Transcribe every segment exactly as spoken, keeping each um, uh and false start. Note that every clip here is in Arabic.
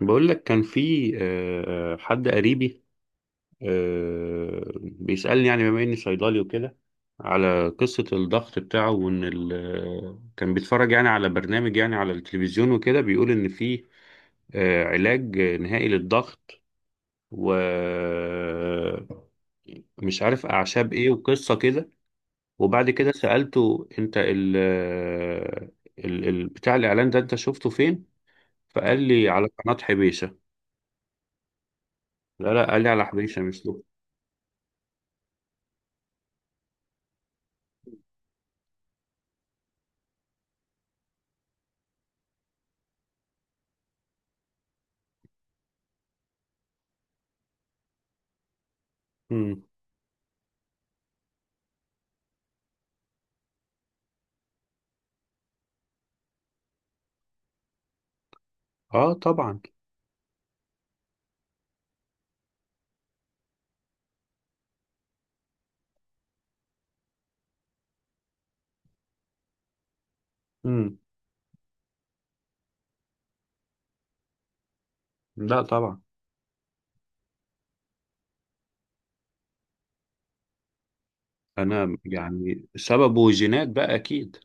بقول لك كان في آه، حد قريبي. آه، بيسألني يعني بما إني صيدلي وكده على قصة الضغط بتاعه، وإن ال- آه، كان بيتفرج يعني على برنامج، يعني على التلفزيون وكده، بيقول إن في آه، علاج نهائي للضغط، و آه، مش عارف أعشاب إيه وقصة كده. وبعد كده سألته أنت ال آه، ال ال- بتاع الإعلان ده أنت شفته فين؟ فقال لي على قناة حبيشة. لا لا، قال لي على حبيشة مش له. مم. اه طبعا. مم. لا طبعا. انا يعني سببه جينات بقى اكيد.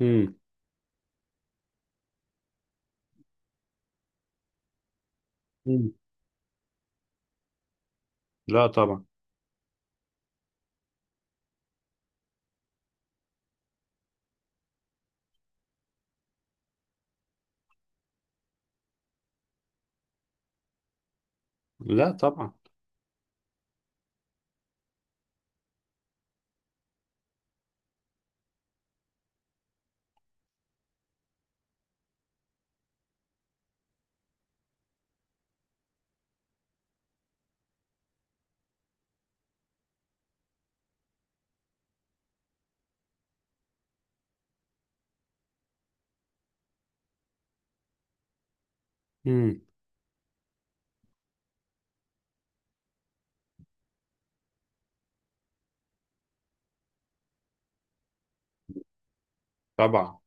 مم. مم. لا طبعا. لا طبعا. مم. طبعا.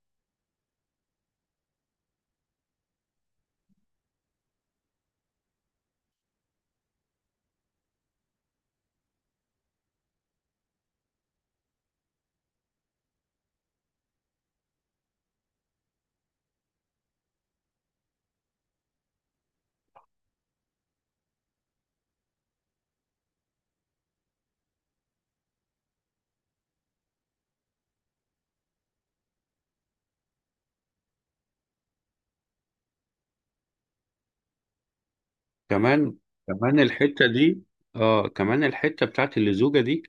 كمان. كمان الحتة دي. اه كمان الحتة بتاعت اللزوجة دي.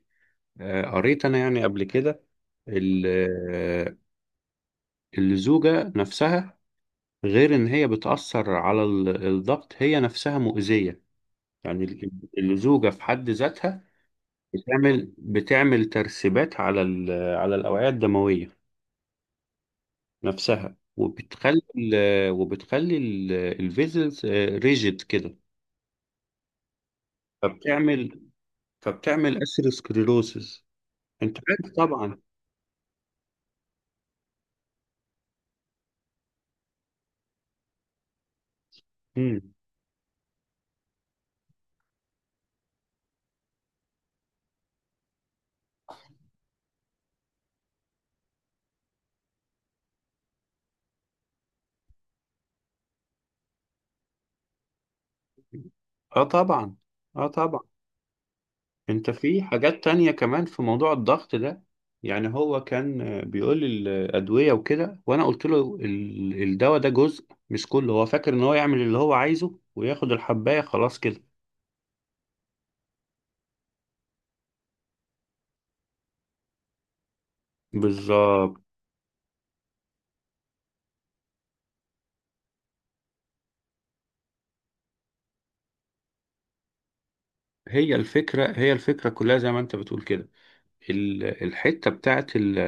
آه قريت انا يعني قبل كده ال- آه، اللزوجة نفسها، غير ان هي بتأثر على ال- الضغط، هي نفسها مؤذية، يعني ال- اللزوجة في حد ذاتها بتعمل بتعمل ترسبات على ال- على الأوعية الدموية نفسها، وبتخلي ال- وبتخلي الفيزلز ريجيد كده، فبتعمل فبتعمل أثيروسكليروسيس أنت عارف طبعا. مم. اه طبعا. اه طبعا. انت في حاجات تانية كمان في موضوع الضغط ده، يعني هو كان آه، بيقول لي الأدوية وكده، وانا قلت له ال- الدواء ده جزء مش كله، هو فاكر ان هو يعمل اللي هو عايزه وياخد الحباية خلاص كده. بالظبط. هي الفكرة هي الفكرة كلها زي ما انت بتقول كده، ال- الحتة بتاعت ال-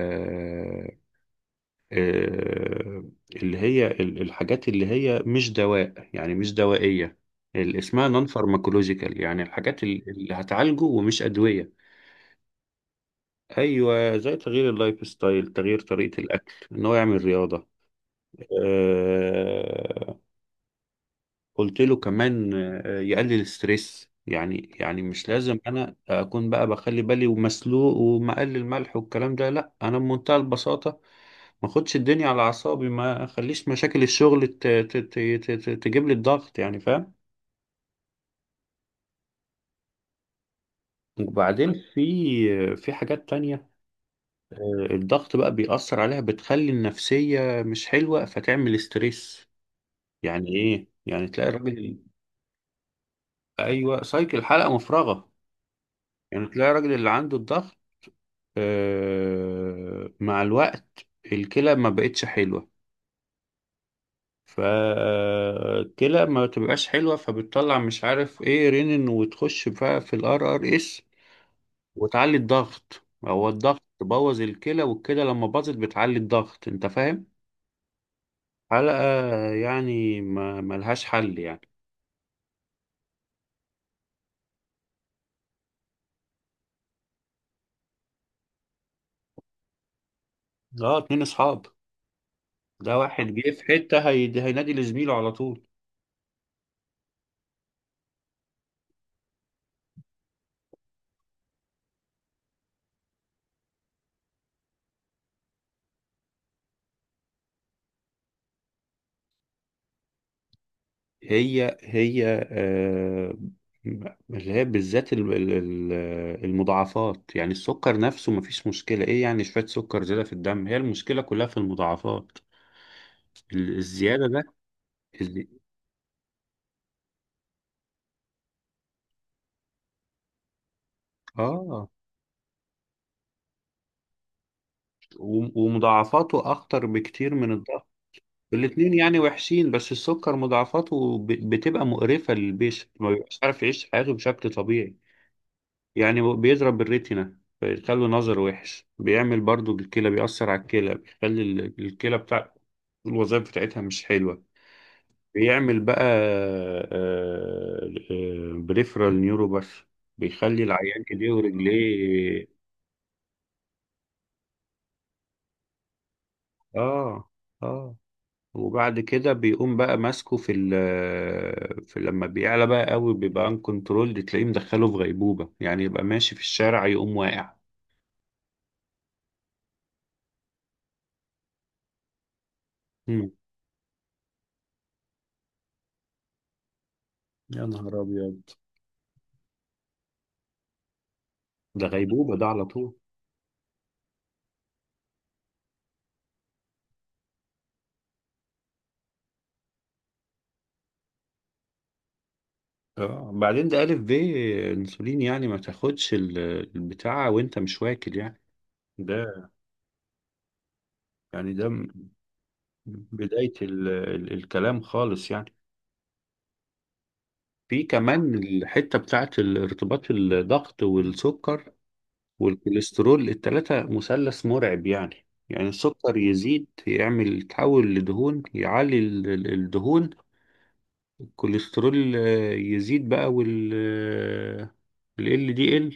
آه، اللي هي ال- الحاجات اللي هي مش دواء، يعني مش دوائية، اللي اسمها نون فارماكولوجيكال، يعني الحاجات ال- اللي هتعالجه ومش أدوية. ايوه، زي تغيير اللايف ستايل، تغيير طريقة الاكل، ان هو يعمل رياضة. آه، قلت له كمان آه، يقلل الستريس، يعني يعني مش لازم انا اكون بقى بخلي بالي ومسلوق ومقلل ملح والكلام ده، لا انا بمنتهى البساطة ما اخدش الدنيا على اعصابي، ما اخليش مشاكل الشغل ت- ت- ت- ت- تجيب لي الضغط، يعني فاهم. وبعدين في في حاجات تانية، آه، الضغط بقى بيأثر عليها بتخلي النفسية مش حلوة فتعمل ستريس، يعني ايه، يعني تلاقي الراجل. ايوه سايكل، حلقة مفرغة. يعني تلاقي الراجل اللي عنده الضغط آه، مع الوقت الكلى ما بقتش حلوة، فالكلى ما تبقاش حلوة فبتطلع مش عارف ايه رينين وتخش بقى في الار ار اس وتعلي الضغط، هو الضغط بوظ الكلى والكلى لما باظت بتعلي الضغط، انت فاهم. حلقة، يعني ما ملهاش حل يعني. اه اتنين اصحاب. ده واحد جه في حتة هي- هينادي لزميله على طول. هي هي آه، اللي هي بالذات ال- ال- ال- المضاعفات، يعني السكر نفسه مفيش مشكلة، ايه يعني شوية سكر زيادة في الدم، هي المشكلة كلها في المضاعفات ال- الزيادة ده. الزي... اه، و- ومضاعفاته اخطر بكتير من الضغط. الاتنين يعني وحشين بس السكر مضاعفاته ب- بتبقى مقرفة للبيشنت، ما بيبقاش عارف يعيش حياته بشكل طبيعي، يعني بيضرب الريتنا فيخلي نظر وحش، بيعمل برضو بالكلى، بيأثر على الكلى بيخلي ال- الكلى بتاع الوظائف بتاعتها مش حلوة، بيعمل بقى بريفرال نيوروباث، بيخلي العيان ايديه ورجليه. اه اه. وبعد كده بيقوم بقى ماسكه في ال في لما بيعلى بقى قوي بيبقى ان كنترول تلاقيه مدخله في غيبوبة، يعني يبقى ماشي في الشارع يقوم واقع. مم. يا نهار أبيض، ده غيبوبة ده على طول. آه، بعدين ده ألف ب الأنسولين، يعني ما تاخدش ال- البتاع وأنت مش واكل يعني. ده يعني ده م- بداية ال ال الكلام خالص يعني. في كمان الحتة بتاعت ارتباط الضغط والسكر والكوليسترول، التلاتة مثلث مرعب، يعني يعني السكر يزيد يعمل يتحول لدهون يعلي ال- ال- الدهون، الكوليسترول آه، يزيد بقى وال ال إل دي إل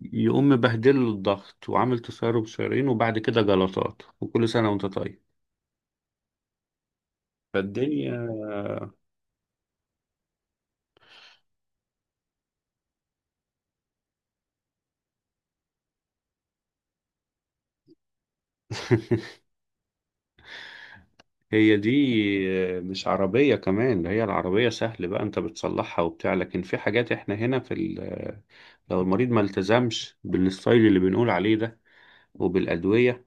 يقوم مبهدل له الضغط وعامل تسرب شرايين وبعد كده جلطات، وكل سنة وانت طيب. فالدنيا هي دي، مش عربية كمان ده، هي العربية سهل بقى انت بتصلحها وبتاع، لكن في حاجات احنا هنا في ال- لو المريض ما التزمش بالستايل اللي بنقول عليه ده وبالأدوية،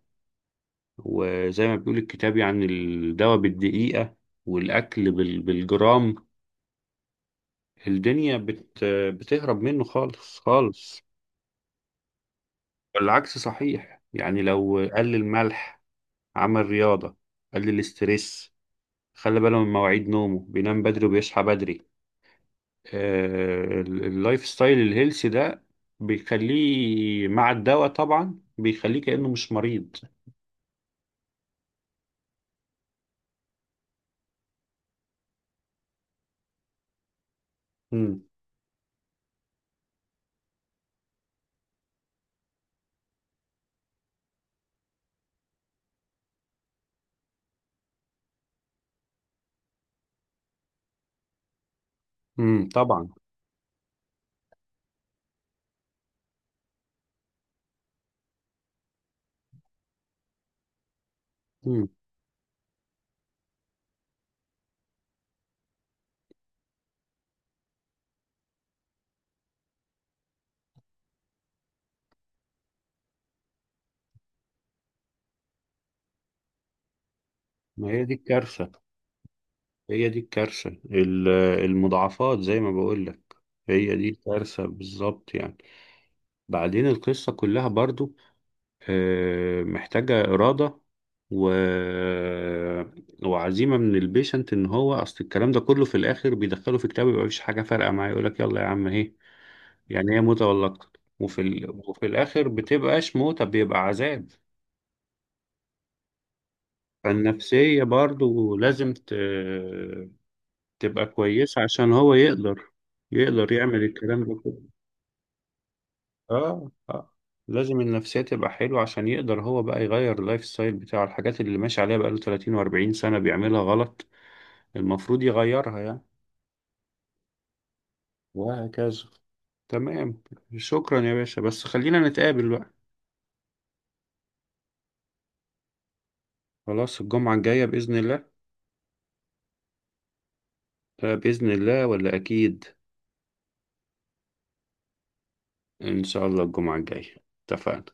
وزي ما بيقول الكتاب يعني الدواء بالدقيقة والأكل بال- بالجرام، الدنيا بت بتهرب منه خالص خالص. والعكس صحيح، يعني لو قلل ملح، عمل رياضة، قلل الاسترس، خلى باله من مواعيد نومه بينام بدري وبيصحى بدري، آه، ال- اللايف ستايل الهيلثي ده بيخليه مع الدواء طبعا بيخليه كأنه مش مريض. امم. امم طبعا. امم. ما هي دي الكارثة، هي دي الكارثة ال- المضاعفات زي ما بقول لك، هي دي الكارثة بالظبط يعني. بعدين القصة كلها برضو آه، محتاجة إرادة و... وعزيمة من البيشنت، إن هو أصل الكلام ده كله في الآخر بيدخله في كتاب، يبقى مفيش حاجة فارقة معاه، يقولك يلا يا عم أهي، يعني هي موتة ولا أكتر، وفي ال... وفي الآخر بتبقاش موتة بيبقى عذاب. فالنفسية برضو لازم ت... تبقى كويسة عشان هو يقدر، يقدر يعمل الكلام ده كله. اه اه. لازم النفسية تبقى حلوة عشان يقدر هو بقى يغير اللايف ستايل بتاعه، الحاجات اللي ماشي عليها بقاله ثلاثين و40 سنة بيعملها غلط، المفروض يغيرها يعني. وهكذا. تمام. شكرا يا باشا بس خلينا نتقابل بقى. خلاص الجمعة الجاية بإذن الله. آه، بإذن الله ولا أكيد. إن شاء الله الجمعة الجاية اتفقنا.